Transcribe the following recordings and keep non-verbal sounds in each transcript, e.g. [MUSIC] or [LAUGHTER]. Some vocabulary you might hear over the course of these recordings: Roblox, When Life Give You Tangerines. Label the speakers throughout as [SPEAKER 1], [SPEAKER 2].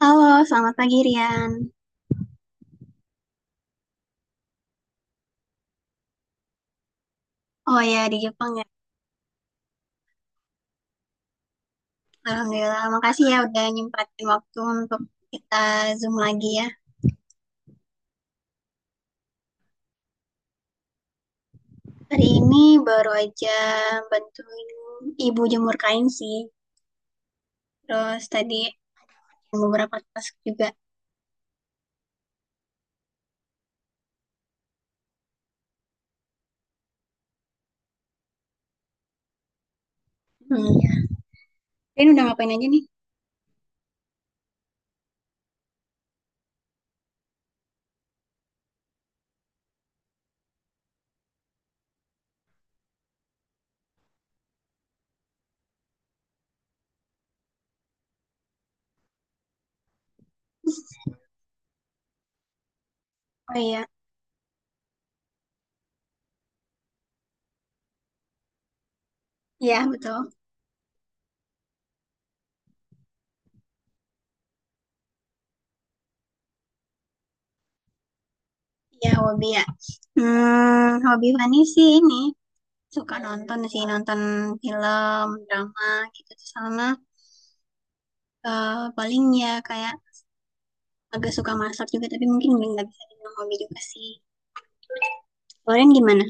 [SPEAKER 1] Halo, selamat pagi Rian. Oh ya, di Jepang ya. Alhamdulillah, makasih ya udah nyempatin waktu untuk kita Zoom lagi ya. Hari ini baru aja bantuin ibu jemur kain sih. Terus tadi beberapa task juga. Hmm, ya. Rian udah ngapain aja nih? Oh iya, iya betul. Iya, hobi ya. Hobi Fani sih ini. Suka nonton sih, nonton film, drama gitu. Terus sama paling ya kayak agak suka masak juga tapi mungkin nggak bisa dibilang hobi juga sih. Kalian gimana?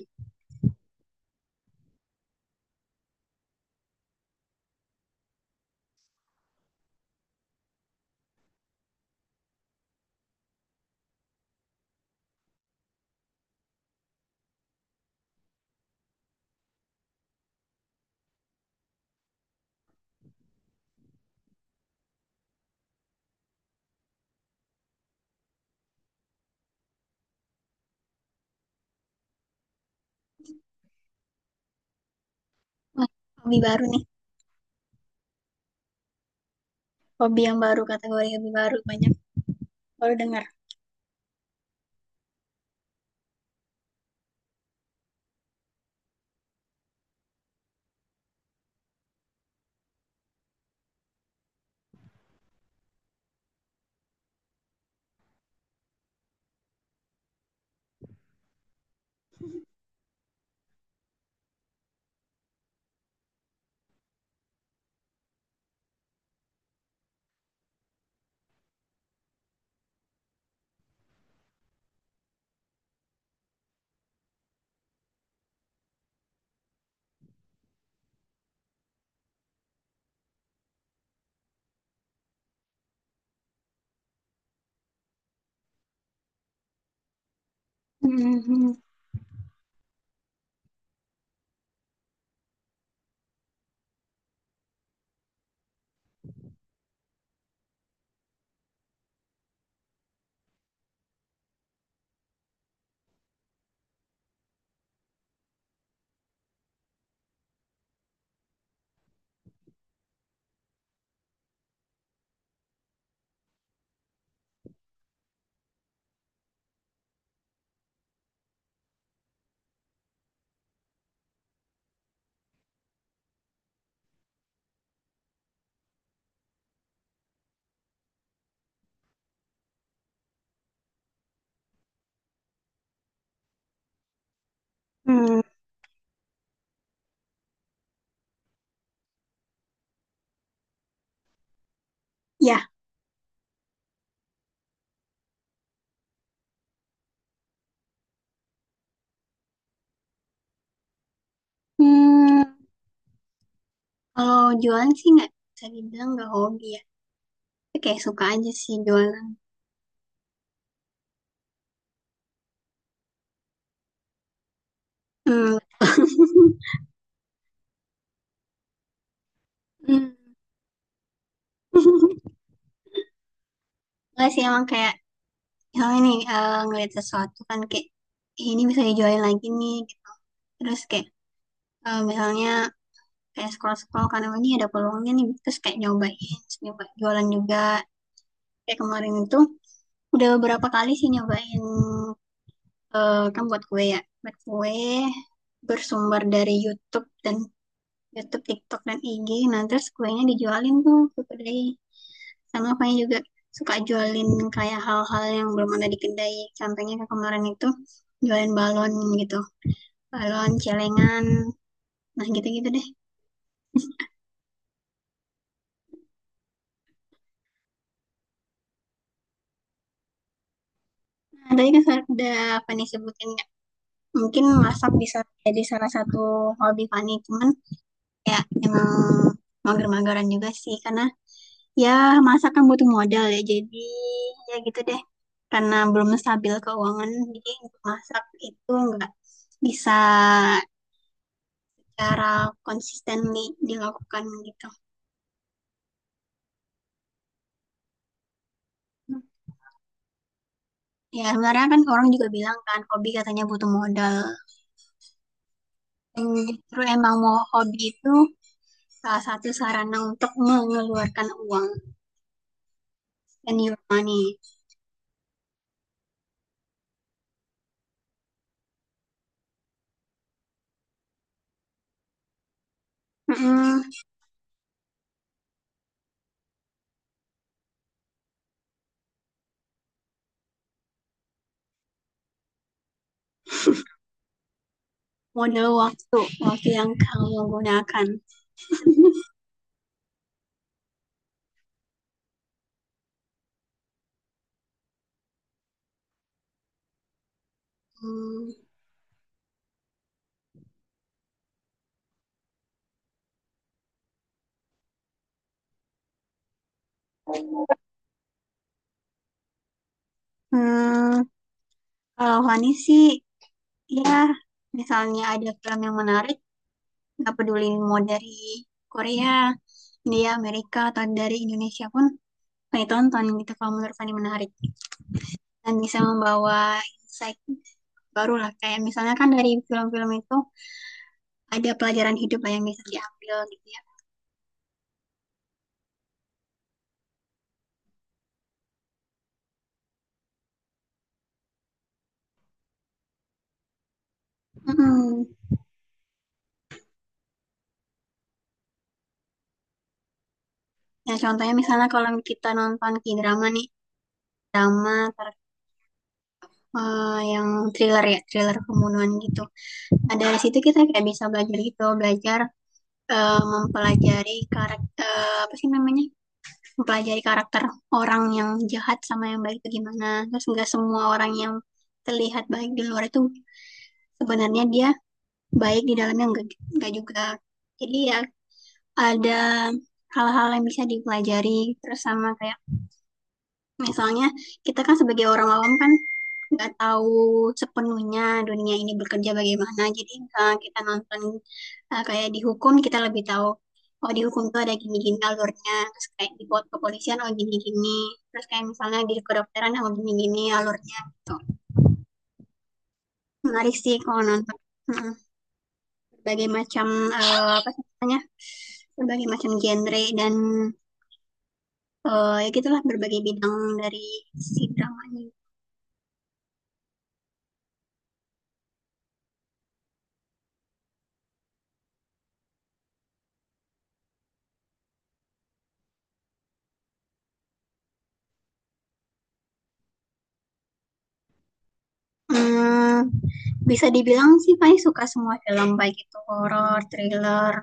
[SPEAKER 1] Wah, hobi baru nih. Hobi yang baru, kategori hobi baru, banyak baru dengar. Hmm, hmm, ya. Hmm, kalau jualan sih nggak bisa dibilang nggak hobi ya. Tapi kayak suka aja sih jualan. Hmm. [LAUGHS] Hmm. [LAUGHS] Nggak sih emang kayak misalnya nih, ngeliat sesuatu kan kayak "Ih, ini bisa dijualin lagi nih gitu." Terus kayak misalnya kayak scroll-scroll karena ini ada peluangnya nih, terus kayak nyoba jualan juga kayak kemarin itu udah beberapa kali sih nyobain, kan buat kue ya, buat kue bersumber dari YouTube, TikTok dan IG, nah terus kuenya dijualin tuh ke kedai, sama apanya juga suka jualin kayak hal-hal yang belum ada di kedai, contohnya kayak kemarin itu jualin balon gitu, balon celengan, nah gitu-gitu deh. Nah, tadi kan udah apa nih sebutin, mungkin masak bisa jadi salah satu hobi Fani, cuman kayak emang mager-mageran juga sih, karena ya masak kan butuh modal ya, jadi ya gitu deh, karena belum stabil keuangan jadi untuk masak itu nggak bisa cara konsistenly dilakukan gitu. Ya sebenarnya kan orang juga bilang kan hobi katanya butuh modal, dan justru emang mau hobi itu salah satu sarana untuk mengeluarkan uang dan your money. Mm-mm. Model waktu, waktu yang kamu gunakan. Hmm, hmm, kalau Fani sih, ya misalnya ada film yang menarik, nggak peduli mau dari Korea, India, Amerika, atau dari Indonesia pun, Fani tonton gitu kalau menurut Fani menarik. Dan bisa membawa insight baru lah, kayak misalnya kan dari film-film itu, ada pelajaran hidup lah yang bisa diambil gitu ya. Hmm. Ya contohnya misalnya kalau kita nonton K-drama nih, drama ter yang thriller ya, thriller pembunuhan gitu. Nah, dari situ kita kayak bisa belajar gitu, belajar, mempelajari karakter, apa sih namanya? Mempelajari karakter orang yang jahat sama yang baik itu gimana. Terus nggak semua orang yang terlihat baik di luar itu sebenarnya dia baik di dalamnya, enggak juga. Jadi ya ada hal-hal yang bisa dipelajari, terus sama kayak misalnya kita kan sebagai orang awam kan nggak tahu sepenuhnya dunia ini bekerja bagaimana. Jadi kita nonton, kayak di hukum kita lebih tahu oh di hukum tuh ada gini-gini alurnya. Terus kayak di kepolisian oh gini-gini. Terus kayak misalnya di kedokteran oh gini-gini alurnya gitu. Menarik sih kalau nonton. Mm, berbagai macam, apa sih namanya? Berbagai macam genre dan, ya gitulah berbagai bidang dari si dramanya. Hmm, bisa dibilang sih Fai suka semua film, baik itu horor, thriller,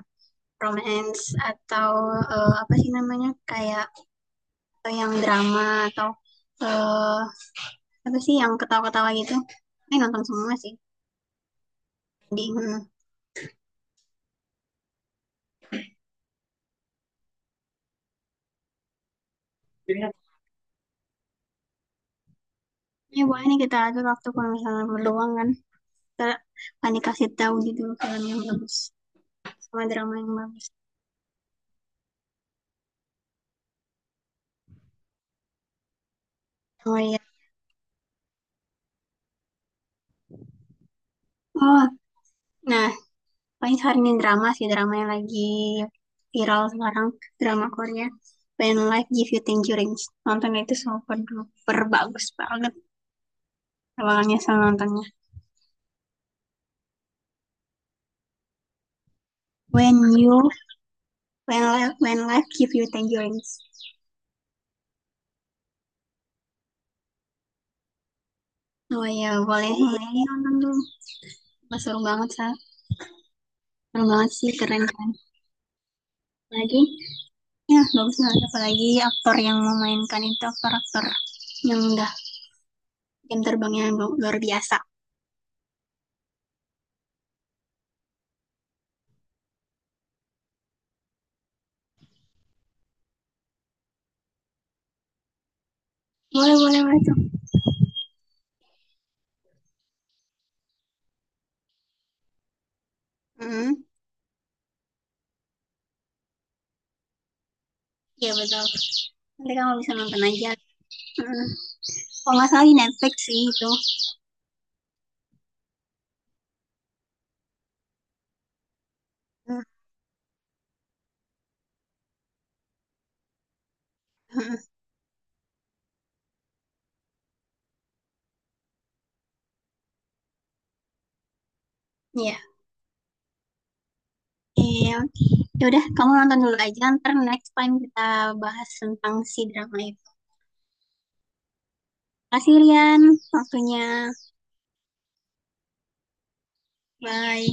[SPEAKER 1] romance, atau apa sih namanya, kayak yang drama, atau eh apa sih yang ketawa-ketawa gitu. Fai nonton semua sih. Jadi, hmm. Ya boleh nih kita atur waktu kalau misalnya berluang kan. Kita Fani kasih tahu gitu film yang bagus, sama drama yang bagus. Oh iya. Oh, nah paling saranin drama sih, drama yang lagi viral sekarang, drama Korea. When Life Give You Tangerines. Nonton itu super duper bagus banget. Kalau nggak nyesel nontonnya. When you, when life give you tangerines. Oh ya, boleh boleh nonton dulu. Wah, seru banget sih, keren-keren. Lagi, ya bagus banget. Apalagi aktor yang memainkan itu aktor-aktor yang udah jam terbangnya luar biasa. Boleh, boleh, boleh tuh. Mm-mm. Iya, betul. Nanti kamu bisa nonton aja. Mm. Kalau nggak salah di Netflix sih itu. Iya. Eh, ya udah kamu nonton dulu aja. Ntar next time kita bahas tentang si drama itu. Terima kasih Rian waktunya. Bye.